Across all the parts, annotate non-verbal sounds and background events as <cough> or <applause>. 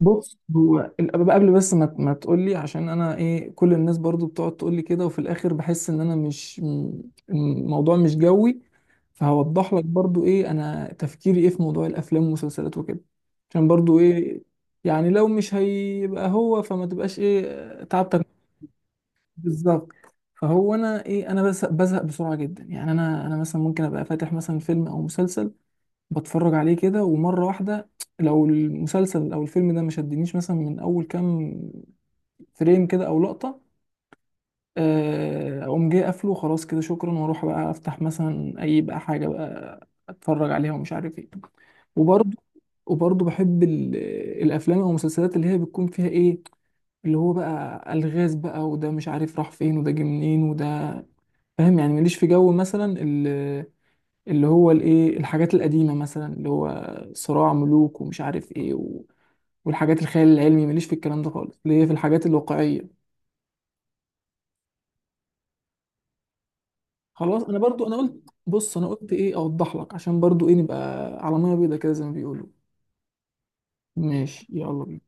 بص، هو قبل، بس ما تقول لي، عشان انا ايه، كل الناس برضو بتقعد تقول لي كده وفي الاخر بحس ان انا مش م- الموضوع مش جوي. فهوضح لك برضو ايه انا، تفكيري ايه في موضوع الافلام والمسلسلات وكده. عشان برضو ايه، يعني لو مش هيبقى هو فما تبقاش ايه تعبتك. بالظبط. فهو انا ايه، انا بس بزهق بسرعة جدا، يعني انا مثلا ممكن ابقى فاتح مثلا فيلم او مسلسل بتفرج عليه كده ومرة واحدة. لو المسلسل أو الفيلم ده ما شدنيش مثلا من أول كام فريم كده أو لقطة، أقوم جاي قافله خلاص كده شكرا وأروح بقى أفتح مثلا أي بقى حاجة بقى أتفرج عليها ومش عارف إيه. وبرضه وبرضه بحب الأفلام أو المسلسلات اللي هي بتكون فيها إيه، اللي هو بقى ألغاز بقى، وده مش عارف راح فين، وده جه منين، وده فاهم يعني. ماليش في جو مثلا، اللي هو الايه الحاجات القديمه، مثلا اللي هو صراع ملوك ومش عارف ايه والحاجات الخيال العلمي، ماليش في الكلام ده خالص، اللي هي في الحاجات الواقعيه. خلاص انا برضو انا قلت، بص انا قلت ايه، اوضح لك عشان برضو ايه نبقى على ميه بيضاء كده زي ما بيقولوا. ماشي، يلا بينا.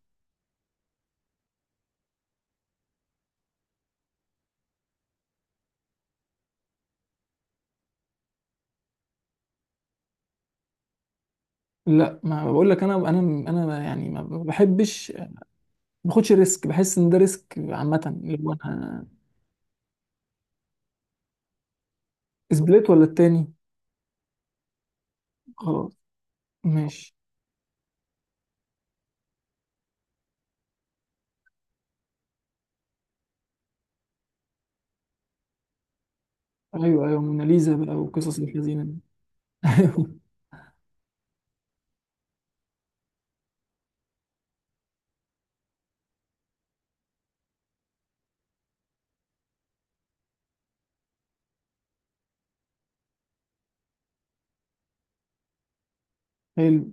لا، ما بقول لك، انا يعني ما بحبش، ما باخدش ريسك، بحس ان ده ريسك عامه اللي هو انا. سبليت ولا التاني؟ خلاص ماشي. ايوه، ايوه، موناليزا بقى وقصص الحزينه دي. <laughs> ايوه. حلو.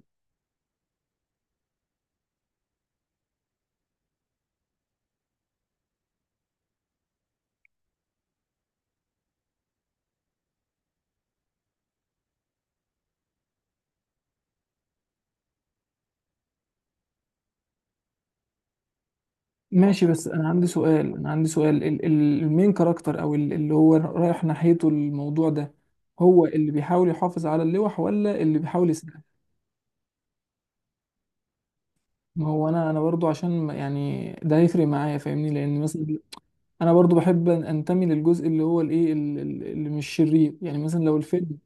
ماشي بس انا عندي سؤال، انا عندي سؤال، المين كاركتر، اللي هو رايح ناحيته الموضوع ده، هو اللي بيحاول يحافظ على اللوح ولا اللي بيحاول يساعد؟ ما هو انا برضو عشان يعني ده هيفرق معايا فاهمني، لان مثلا انا برضو بحب انتمي للجزء اللي هو الايه اللي مش شرير. يعني مثلا لو الفيلم،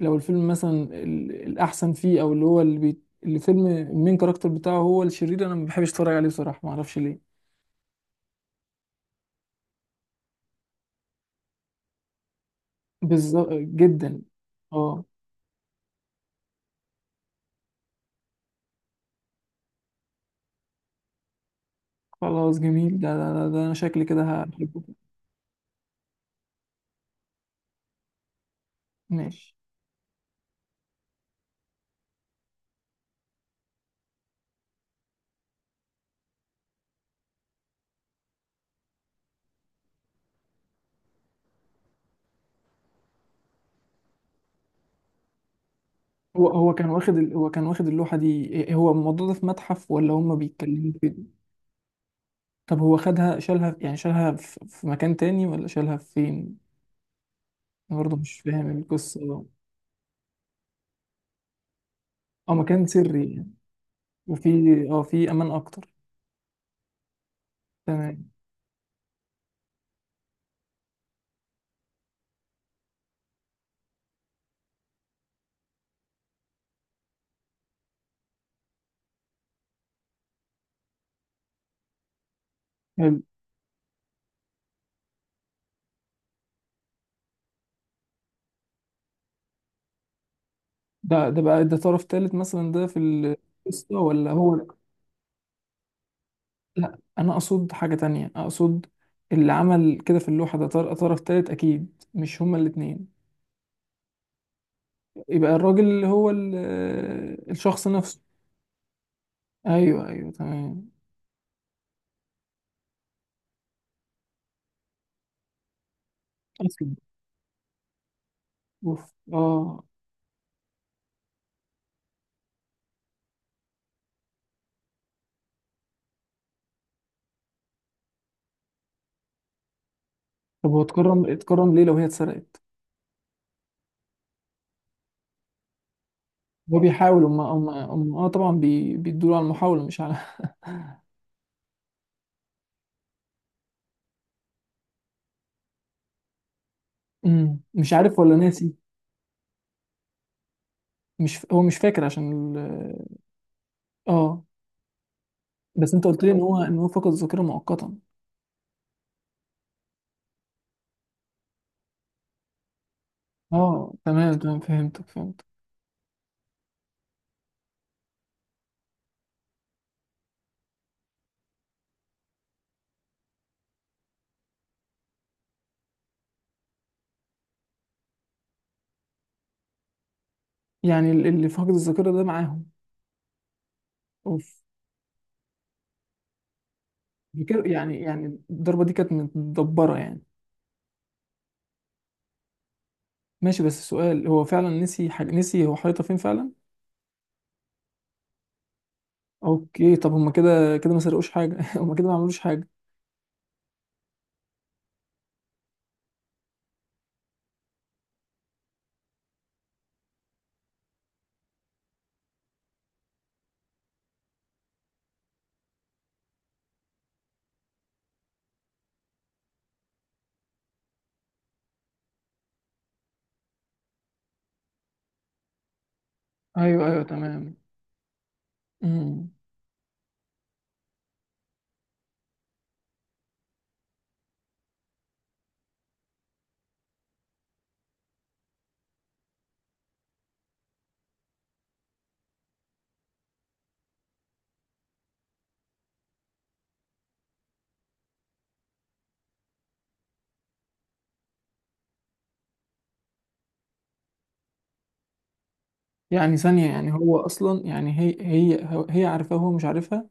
لو الفيلم مثلا الاحسن فيه، او اللي هو اللي بي الفيلم المين كاركتر بتاعه هو الشرير، انا ما بحبش اتفرج عليه بصراحة، ما اعرفش ليه. بالظبط جدا. اه. خلاص جميل، ده انا شكلي كده هحبه. ماشي. هو كان واخد اللوحة دي هو الموضوع ده في متحف ولا هما بيتكلموا فين؟ طب هو خدها، شالها يعني، شالها في مكان تاني ولا شالها فين؟ انا برضه مش فاهم القصة. اه مكان سري يعني، وفي، اه في امان اكتر. تمام. حلو. ده بقى، ده طرف تالت مثلا ده في القصة ولا هو؟ لا انا اقصد حاجة تانية، اقصد اللي عمل كده في اللوحة، ده طرف تالت اكيد، مش هما الاتنين. يبقى الراجل هو الشخص نفسه. ايوه، ايوه، تمام. أسود. اوف، اه. طب هو اتكرم، اتكرم ليه لو هي اتسرقت؟ هو بيحاول، هم هم هم اه طبعا بيدوا على المحاولة مش على. <laughs> مش عارف ولا ناسي؟ مش ف... هو مش فاكر عشان اه. بس انت قلت لي ان هو فقد الذاكرة مؤقتا. اه تمام، تمام، فهمتك، فهمت. يعني اللي فقد الذاكرة ده معاهم. اوف. يعني الضربة دي كانت متدبرة يعني. ماشي بس السؤال، هو فعلا نسي حاجة، نسي هو حيطة فين فعلا؟ اوكي، طب هما كده كده ما سرقوش حاجة. <laughs> هما كده ما عملوش حاجة. ايوه، ايوه، تمام. امم. يعني ثانية، يعني هو اصلا، يعني هي هي عارفاه وهو مش عارفها.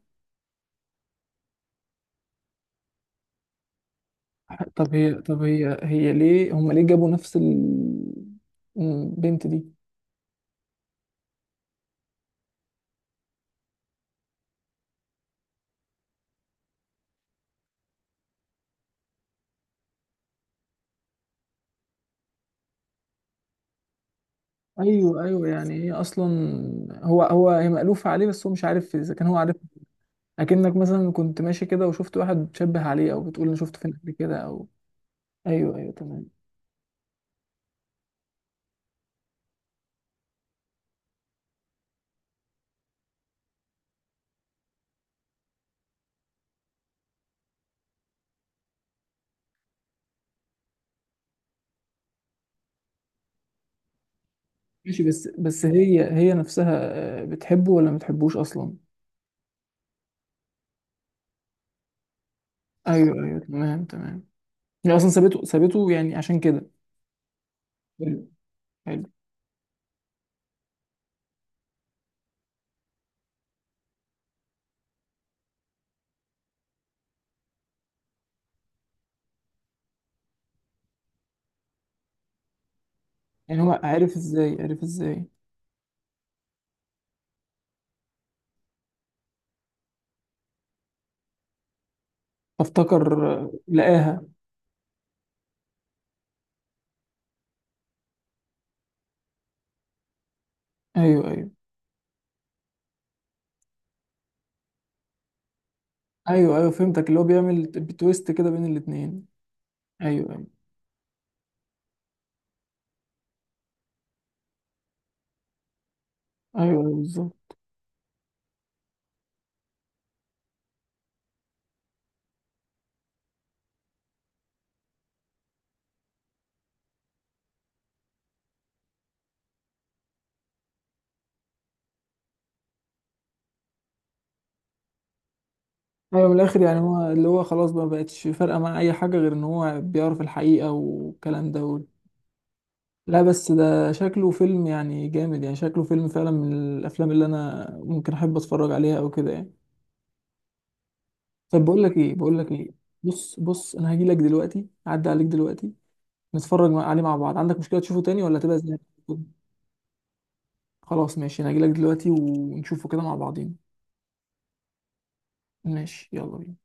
طب هي، طب هي هي ليه هما ليه جابوا نفس البنت دي؟ ايوه، ايوه، يعني هي اصلا، هو هي مألوفة عليه بس هو مش عارف اذا كان هو عارف. اكنك مثلا كنت ماشي كده وشفت واحد بتشبه عليه، او بتقول انا شفته فين قبل كده او. ايوه، ايوه، تمام. ماشي بس هي نفسها، بتحبه ولا ما بتحبوش اصلا؟ ايوه، ايوه، تمام، تمام. هي اصلا سابته، سابته يعني عشان كده. حلو. حلو. يعني هو عارف ازاي، عارف ازاي؟ فافتكر لقاها. ايوه، ايوه. ايوه، ايوه، فهمتك، اللي هو بيعمل تويست كده بين الاتنين. ايوه، ايوه. ايوه، ايوه، بالظبط. ايوه، من الاخر يعني هو اللي هو خلاص بقى ما بقتش فارقه مع اي حاجه، غير ان هو بيعرف الحقيقه والكلام ده. لا، بس ده شكله فيلم يعني جامد، يعني شكله فيلم فعلا من الافلام اللي انا ممكن احب اتفرج عليها او كده يعني. طب بقول لك ايه، بقول لك ايه، بص بص انا هجي لك دلوقتي، اعدي عليك دلوقتي، نتفرج عليه مع بعض. عندك مشكلة تشوفه تاني ولا تبقى زي ما كنت؟ خلاص ماشي، انا هجي لك دلوقتي ونشوفه كده مع بعضين. ماشي، يلا بينا.